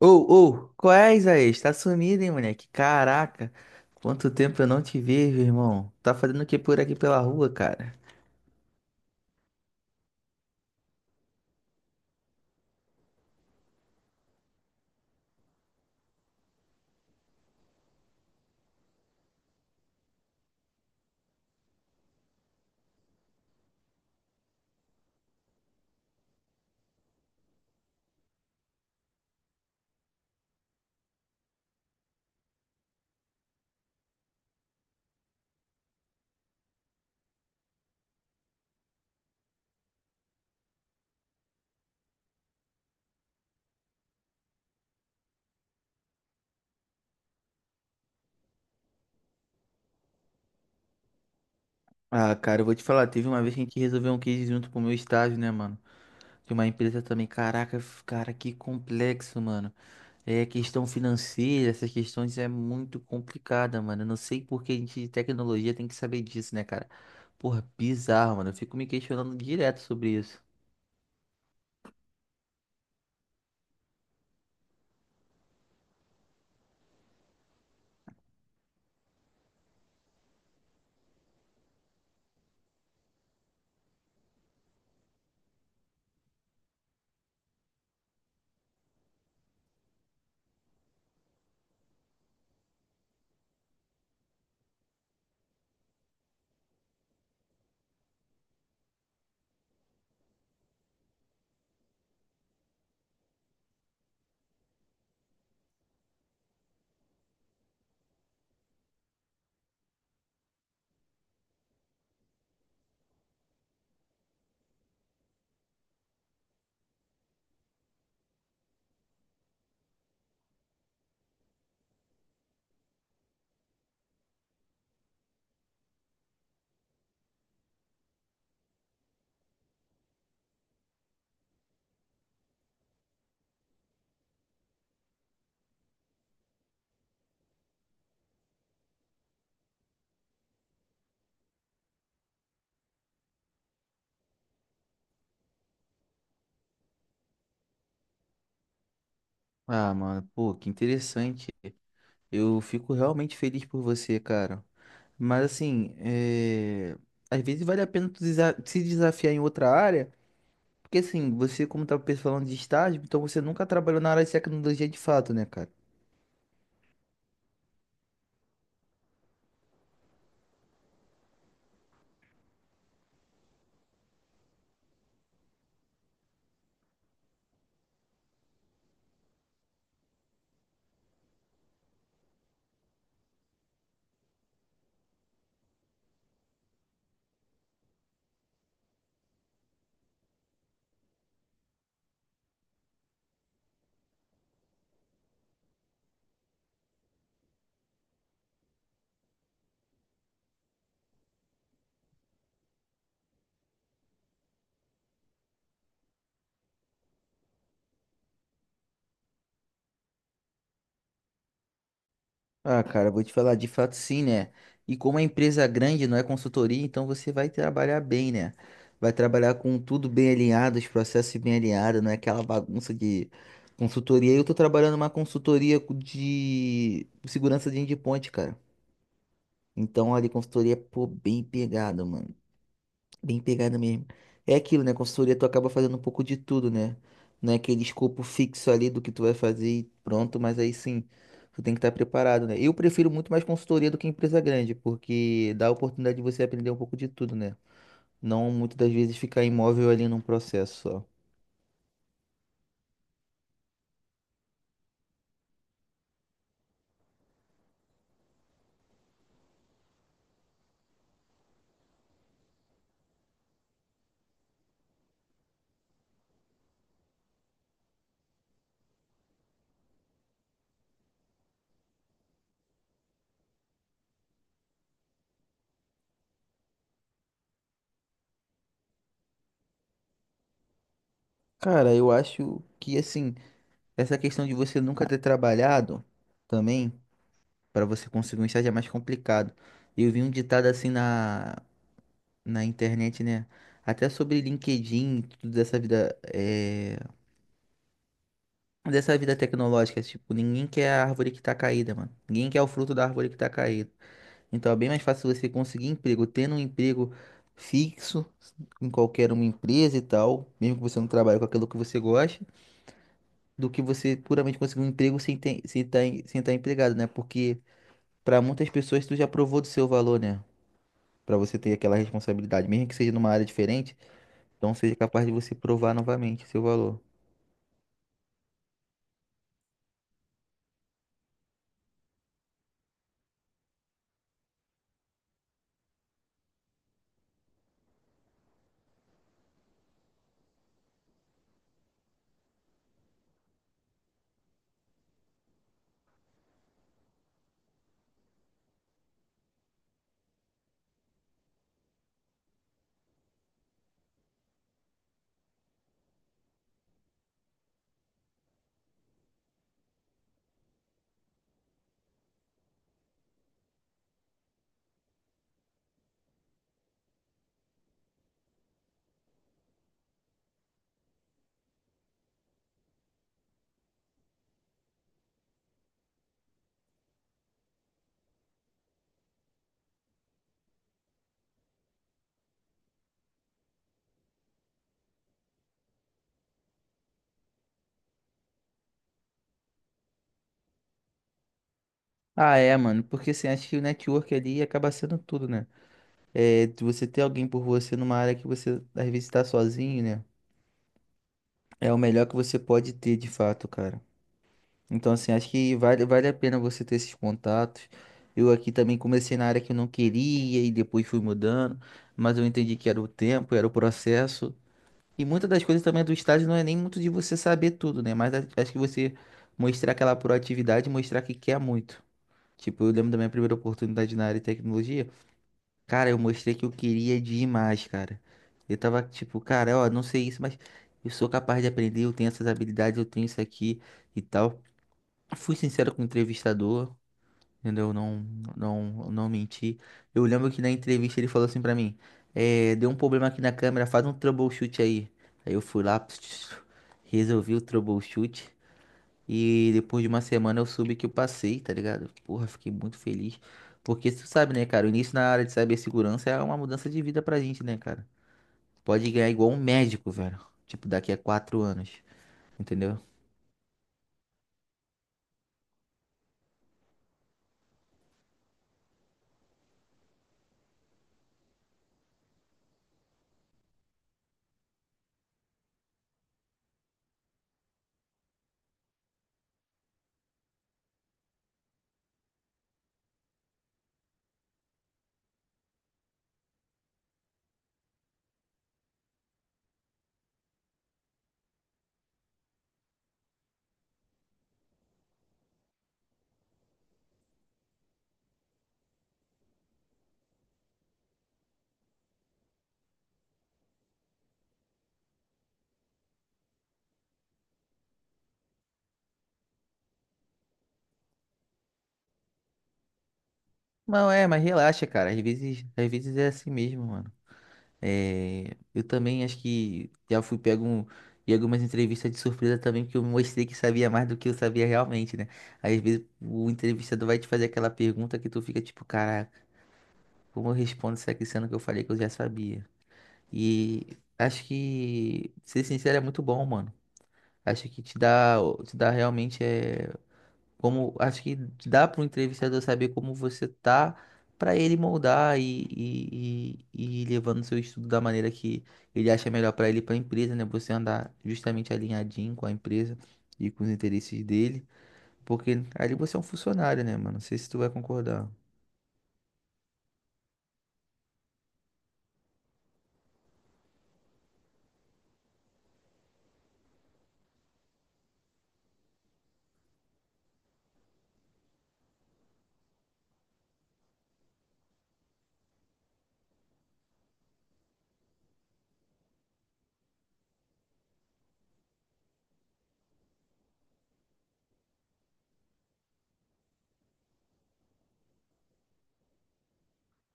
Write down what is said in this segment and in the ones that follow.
Ô, ô, qual é, Isaías? Tá sumido, hein, moleque? Caraca, quanto tempo eu não te vejo, irmão. Tá fazendo o que por aqui pela rua, cara? Ah, cara, eu vou te falar, teve uma vez que a gente resolveu um case junto pro meu estágio, né, mano? De uma empresa também. Caraca, cara, que complexo, mano. É, questão financeira, essas questões é muito complicada, mano. Eu não sei por que a gente de tecnologia tem que saber disso, né, cara? Porra, bizarro, mano. Eu fico me questionando direto sobre isso. Ah, mano, pô, que interessante. Eu fico realmente feliz por você, cara. Mas assim, é, às vezes vale a pena se desafiar em outra área, porque assim, você como tá falando de estágio, então você nunca trabalhou na área de tecnologia de fato, né, cara? Ah, cara, eu vou te falar, de fato sim, né? E como é empresa é grande, não é consultoria, então você vai trabalhar bem, né? Vai trabalhar com tudo bem alinhado, os processos bem alinhados, não é aquela bagunça de consultoria. Eu tô trabalhando numa consultoria de segurança de endpoint, cara. Então, olha, consultoria, pô, bem pegada, mano. Bem pegada mesmo. É aquilo, né? Consultoria, tu acaba fazendo um pouco de tudo, né? Não é aquele escopo fixo ali do que tu vai fazer e pronto, mas aí sim, tu tem que estar preparado, né? Eu prefiro muito mais consultoria do que empresa grande, porque dá a oportunidade de você aprender um pouco de tudo, né? Não muitas das vezes ficar imóvel ali num processo só. Cara, eu acho que, assim, essa questão de você nunca ter trabalhado também, para você conseguir um estágio é mais complicado. Eu vi um ditado assim na internet, né? Até sobre LinkedIn, tudo dessa vida, é, dessa vida tecnológica, tipo, ninguém quer a árvore que tá caída, mano. Ninguém quer o fruto da árvore que tá caída. Então é bem mais fácil você conseguir emprego, tendo um emprego fixo em qualquer uma empresa e tal, mesmo que você não trabalhe com aquilo que você gosta, do que você puramente conseguir um emprego sem ter, sem tá empregado, né? Porque pra muitas pessoas tu já provou do seu valor, né? Pra você ter aquela responsabilidade, mesmo que seja numa área diferente. Então seja capaz de você provar novamente o seu valor. Ah, é, mano, porque assim, acho que o network ali acaba sendo tudo, né? É, de você ter alguém por você numa área que você às vezes tá sozinho, né? É o melhor que você pode ter de fato, cara. Então, assim, acho que vale a pena você ter esses contatos. Eu aqui também comecei na área que eu não queria e depois fui mudando, mas eu entendi que era o tempo, era o processo. E muitas das coisas também do estágio não é nem muito de você saber tudo, né? Mas acho que você mostrar aquela proatividade, mostrar que quer muito. Tipo, eu lembro da minha primeira oportunidade na área de tecnologia. Cara, eu mostrei que eu queria demais, cara. Eu tava tipo, cara, ó, não sei isso, mas eu sou capaz de aprender, eu tenho essas habilidades, eu tenho isso aqui e tal. Fui sincero com o entrevistador, entendeu? Não, não, não menti. Eu lembro que na entrevista ele falou assim pra mim: é, deu um problema aqui na câmera, faz um troubleshoot aí. Aí eu fui lá, resolvi o troubleshoot. E depois de uma semana eu soube que eu passei, tá ligado? Porra, fiquei muito feliz. Porque tu sabe, né, cara? O início na área de cibersegurança é uma mudança de vida pra gente, né, cara? Pode ganhar igual um médico, velho. Tipo, daqui a quatro anos, entendeu? Não, é, mas relaxa, cara. Às vezes é assim mesmo, mano. É, eu também acho que já fui pego em algumas entrevistas de surpresa também, porque eu mostrei que sabia mais do que eu sabia realmente, né? Às vezes o entrevistador vai te fazer aquela pergunta que tu fica tipo, cara, como eu respondo isso aqui, sendo que eu falei que eu já sabia. E acho que ser sincero é muito bom, mano. Acho que te dá realmente é como, acho que te dá para o entrevistador saber como você tá para ele moldar e ir levando seu estudo da maneira que ele acha melhor para ele, e para a empresa, né? Você andar justamente alinhadinho com a empresa e com os interesses dele, porque ali você é um funcionário, né, mano? Não sei se tu vai concordar.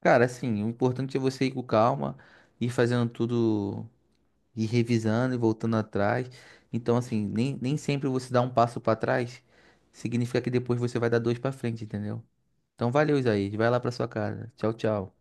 Cara, assim, o importante é você ir com calma, ir fazendo tudo, ir revisando e voltando atrás. Então, assim, nem sempre você dá um passo pra trás, significa que depois você vai dar dois pra frente, entendeu? Então, valeu, Isaías. Vai lá pra sua casa. Tchau, tchau.